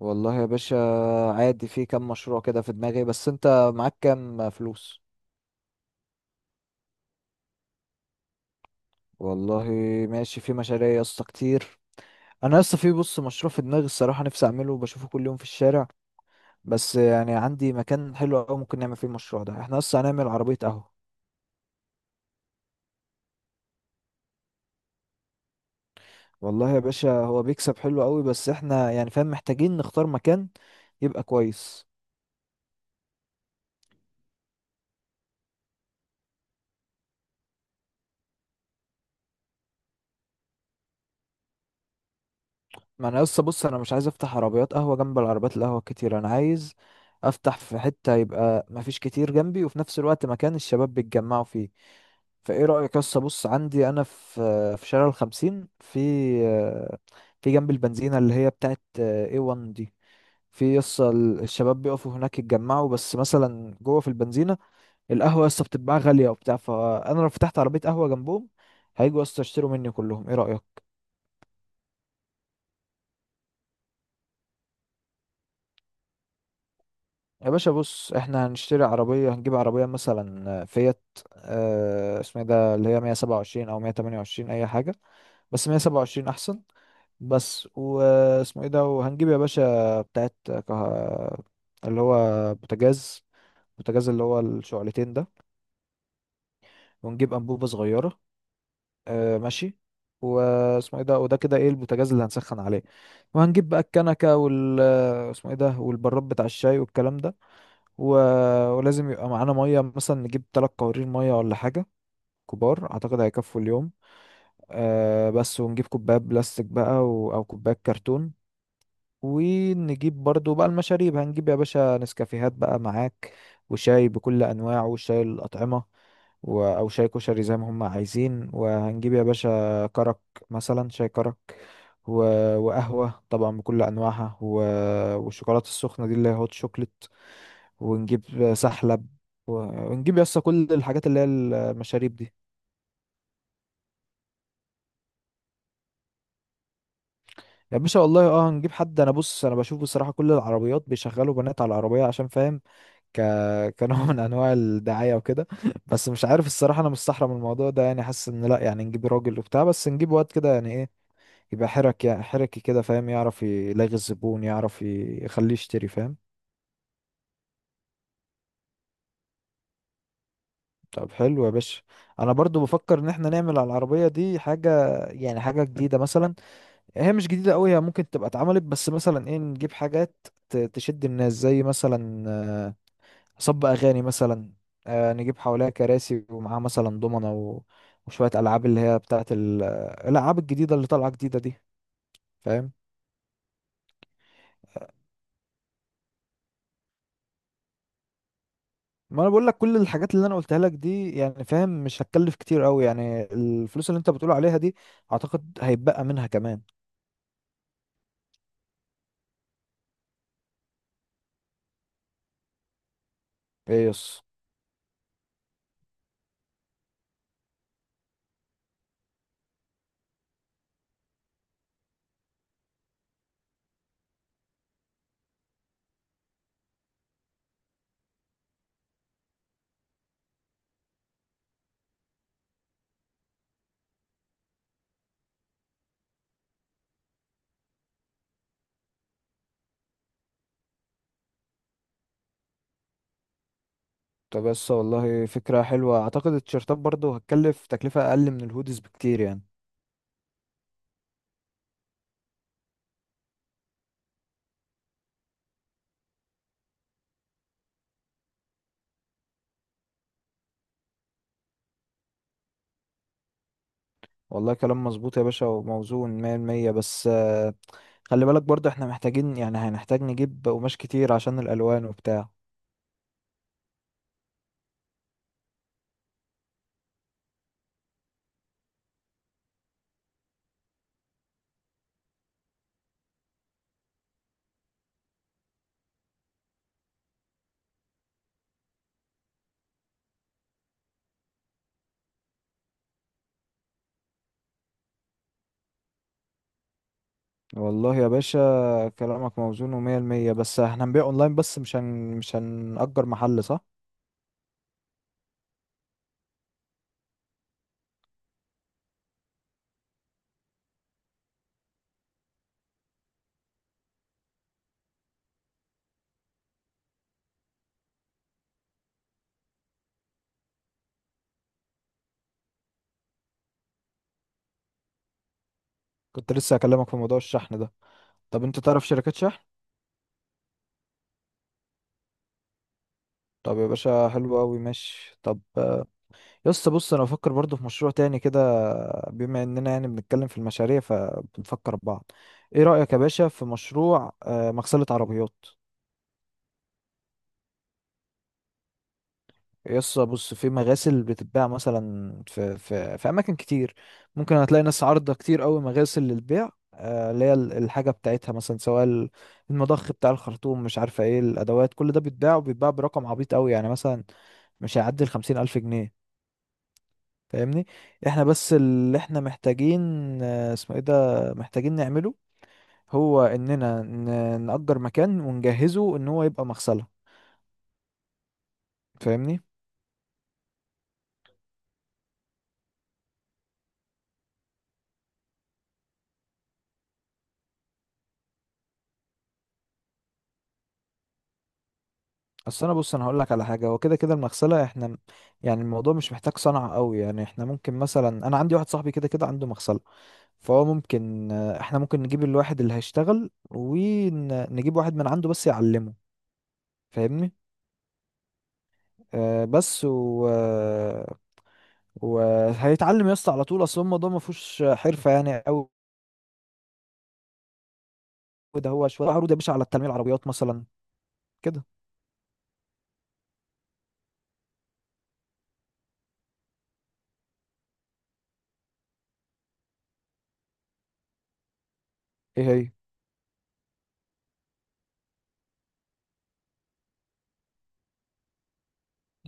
والله يا باشا، عادي. في كام مشروع كده في دماغي، بس انت معاك كام فلوس؟ والله ماشي، في مشاريع يا اسطى كتير. انا لسه في بص مشروع في دماغي، الصراحه نفسي اعمله وبشوفه كل يوم في الشارع. بس يعني عندي مكان حلو قوي ممكن نعمل فيه المشروع ده، احنا لسه هنعمل عربيه قهوه. والله يا باشا، هو بيكسب حلو قوي، بس احنا يعني فاهم محتاجين نختار مكان يبقى كويس. ما انا لسه بص، انا مش عايز افتح عربيات قهوه جنب العربيات القهوه كتير، انا عايز افتح في حته يبقى ما فيش كتير جنبي وفي نفس الوقت مكان الشباب بيتجمعوا فيه. فايه رايك؟ لسه بص، عندي انا في شارع 50، في في جنب البنزينه اللي هي بتاعت اي 1 دي. في لسه الشباب بيقفوا هناك يتجمعوا، بس مثلا جوه في البنزينه القهوه لسه بتتباع غاليه وبتاع، فانا لو فتحت عربيه قهوه جنبهم هيجوا لسه يشتروا مني كلهم. ايه رايك؟ يا باشا بص، احنا هنشتري عربية، هنجيب عربية مثلا فيات، اه اسمها إيه ده اللي هي 127 او 128 اي حاجة، بس 127 احسن. بس واسمه ايه ده، وهنجيب يا باشا بتاعت اللي هو بوتاجاز، بوتاجاز اللي هو الشعلتين ده. ونجيب انبوبة صغيرة. اه ماشي، واسمه ايه ده وده كده ايه، البوتاجاز اللي هنسخن عليه. وهنجيب بقى الكنكة وال اسمه ايه ده، والبراد بتاع الشاي والكلام ده. و... ولازم يبقى معانا ميه، مثلا نجيب تلات قوارير ميه ولا حاجه كبار، اعتقد هيكفوا اليوم. آه بس ونجيب كوبايه بلاستيك بقى او كوبايه كرتون. ونجيب برضو بقى المشاريب، هنجيب يا باشا نسكافيهات بقى معاك، وشاي بكل انواعه وشاي الاطعمه او شاي كشري زي ما هم عايزين، وهنجيب يا باشا كرك، مثلا شاي كرك. و... وقهوه طبعا بكل انواعها والشوكولاته السخنه دي اللي هي هوت شوكليت. ونجيب سحلب و- ونجيب يسطا كل الحاجات اللي هي المشاريب دي. يا باشا والله اه هنجيب حد، انا بص انا بشوف بصراحة كل العربيات بيشغلوا بنات على العربية عشان فاهم، ك... كنوع من انواع الدعاية وكده بس مش عارف الصراحة، انا مستحرم الموضوع ده يعني، حاسس ان لا يعني نجيب راجل وبتاع، بس نجيب واد كده يعني ايه، يبقى حرك يعني حركي كده فاهم، يعرف يلاغي الزبون، يعرف يخليه يشتري فاهم. طب حلو يا باشا. انا برضو بفكر ان احنا نعمل على العربية دي حاجة يعني حاجة جديدة مثلا، يعني هي مش جديدة قوي، هي ممكن تبقى اتعملت، بس مثلا ايه نجيب حاجات تشد الناس، زي مثلا صب اغاني مثلا، نجيب حواليها كراسي ومعاها مثلا دومنة وشوية العاب اللي هي بتاعت الالعاب الجديدة اللي طالعة جديدة دي، فاهم. ما انا بقول لك كل الحاجات اللي انا قلتها لك دي يعني فاهم، مش هتكلف كتير قوي، يعني الفلوس اللي انت بتقول عليها دي اعتقد هيتبقى منها كمان. ايه يس؟ طب بس والله فكرة حلوة، اعتقد التيشيرتات برضو هتكلف تكلفة اقل من الهودز بكتير يعني. والله كلام مظبوط يا باشا وموزون مية المية، بس خلي بالك برضه احنا محتاجين، يعني هنحتاج نجيب قماش كتير عشان الألوان وبتاع. والله يا باشا كلامك موزون ومية المية، بس احنا هنبيع اونلاين بس، مش هنأجر محل صح؟ كنت لسه هكلمك في موضوع الشحن ده. طب انت تعرف شركات شحن؟ طب يا باشا حلو أوي، ماشي. طب يا اسطى بص، أنا بفكر برضه في مشروع تاني كده، بما إننا يعني بنتكلم في المشاريع فبنفكر ببعض. ايه رأيك يا باشا في مشروع مغسلة عربيات؟ يس بص، في مغاسل بتتباع مثلا في اماكن كتير، ممكن هتلاقي ناس عارضه كتير قوي مغاسل للبيع، اللي هي الحاجه بتاعتها، مثلا سواء المضخ بتاع الخرطوم، مش عارفه ايه الادوات، كل ده بيتباع وبيتباع برقم عبيط قوي، يعني مثلا مش هيعدي 50 الف جنيه، فاهمني. احنا بس اللي احنا محتاجين اسمه ايه ده، محتاجين نعمله، هو اننا نأجر مكان ونجهزه ان هو يبقى مغسله، فاهمني. اصل انا بص انا هقول لك على حاجه، هو كده كده المغسله احنا يعني الموضوع مش محتاج صنعه قوي، يعني احنا ممكن مثلا، انا عندي واحد صاحبي كده كده عنده مغسله، فهو ممكن احنا ممكن نجيب الواحد اللي هيشتغل ونجيب واحد من عنده بس يعلمه، فاهمني. آه بس و... آه، وهيتعلم يا اسطى على طول، اصل الموضوع ما فيهوش حرفه يعني قوي. ده هو شويه عروض يا باشا على التلميع العربيات مثلا كده. ايه هي؟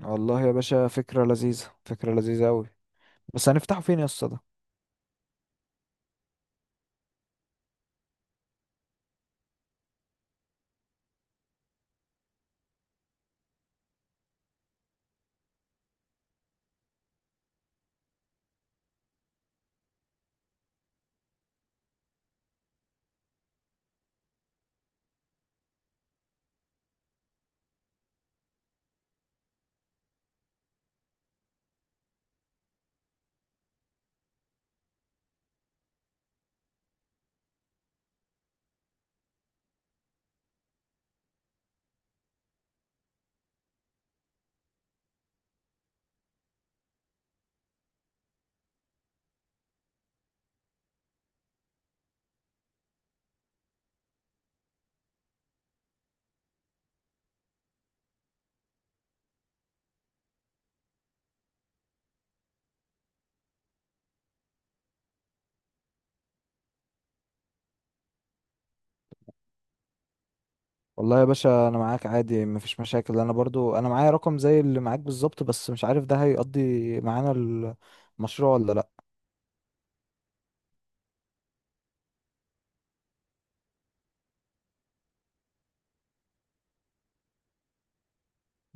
والله يا باشا فكره لذيذه، فكره لذيذه قوي، بس هنفتحه فين يا اسطى ده؟ والله يا باشا انا معاك عادي مفيش مشاكل، انا برضو انا معايا رقم زي اللي معاك بالظبط، بس مش عارف ده هيقضي معانا المشروع ولا لا.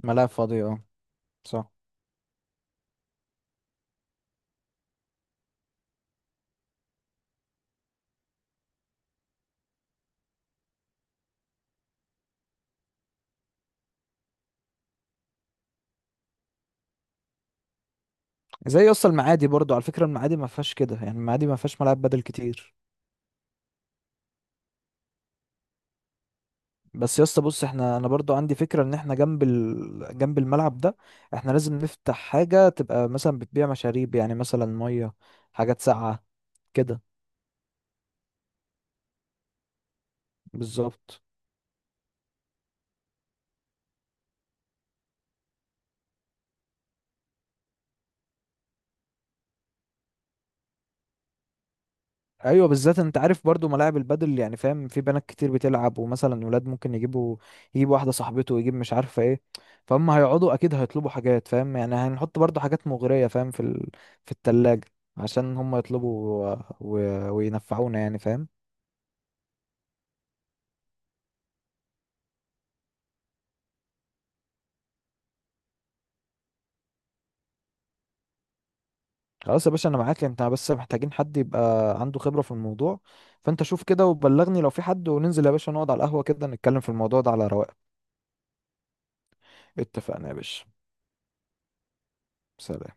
ملاعب فاضية اه، صح. زي يسطا المعادي برضو على فكرة، المعادي ما فيهاش كده يعني، المعادي ما فيهاش ملاعب بدل كتير. بس يسطا بص، احنا انا برضو عندي فكرة ان احنا جنب جنب الملعب ده احنا لازم نفتح حاجة تبقى مثلا بتبيع مشاريب، يعني مثلا مية، حاجات ساقعة كده. بالظبط. ايوه بالذات انت عارف برضو ملاعب البادل يعني فاهم، في بنات كتير بتلعب، ومثلا ولاد ممكن يجيبوا، يجيب واحده صاحبته ويجيب مش عارفه ايه، فهم هيقعدوا اكيد هيطلبوا حاجات فاهم يعني. هنحط برضو حاجات مغريه فاهم في التلاجة عشان هم يطلبوا و... و... وينفعونا يعني فاهم. خلاص يا باشا انا معاك، انت بس محتاجين حد يبقى عنده خبره في الموضوع، فانت شوف كده وبلغني لو في حد، وننزل يا باشا نقعد على القهوه كده نتكلم في الموضوع ده على رواق. اتفقنا يا باشا. سلام.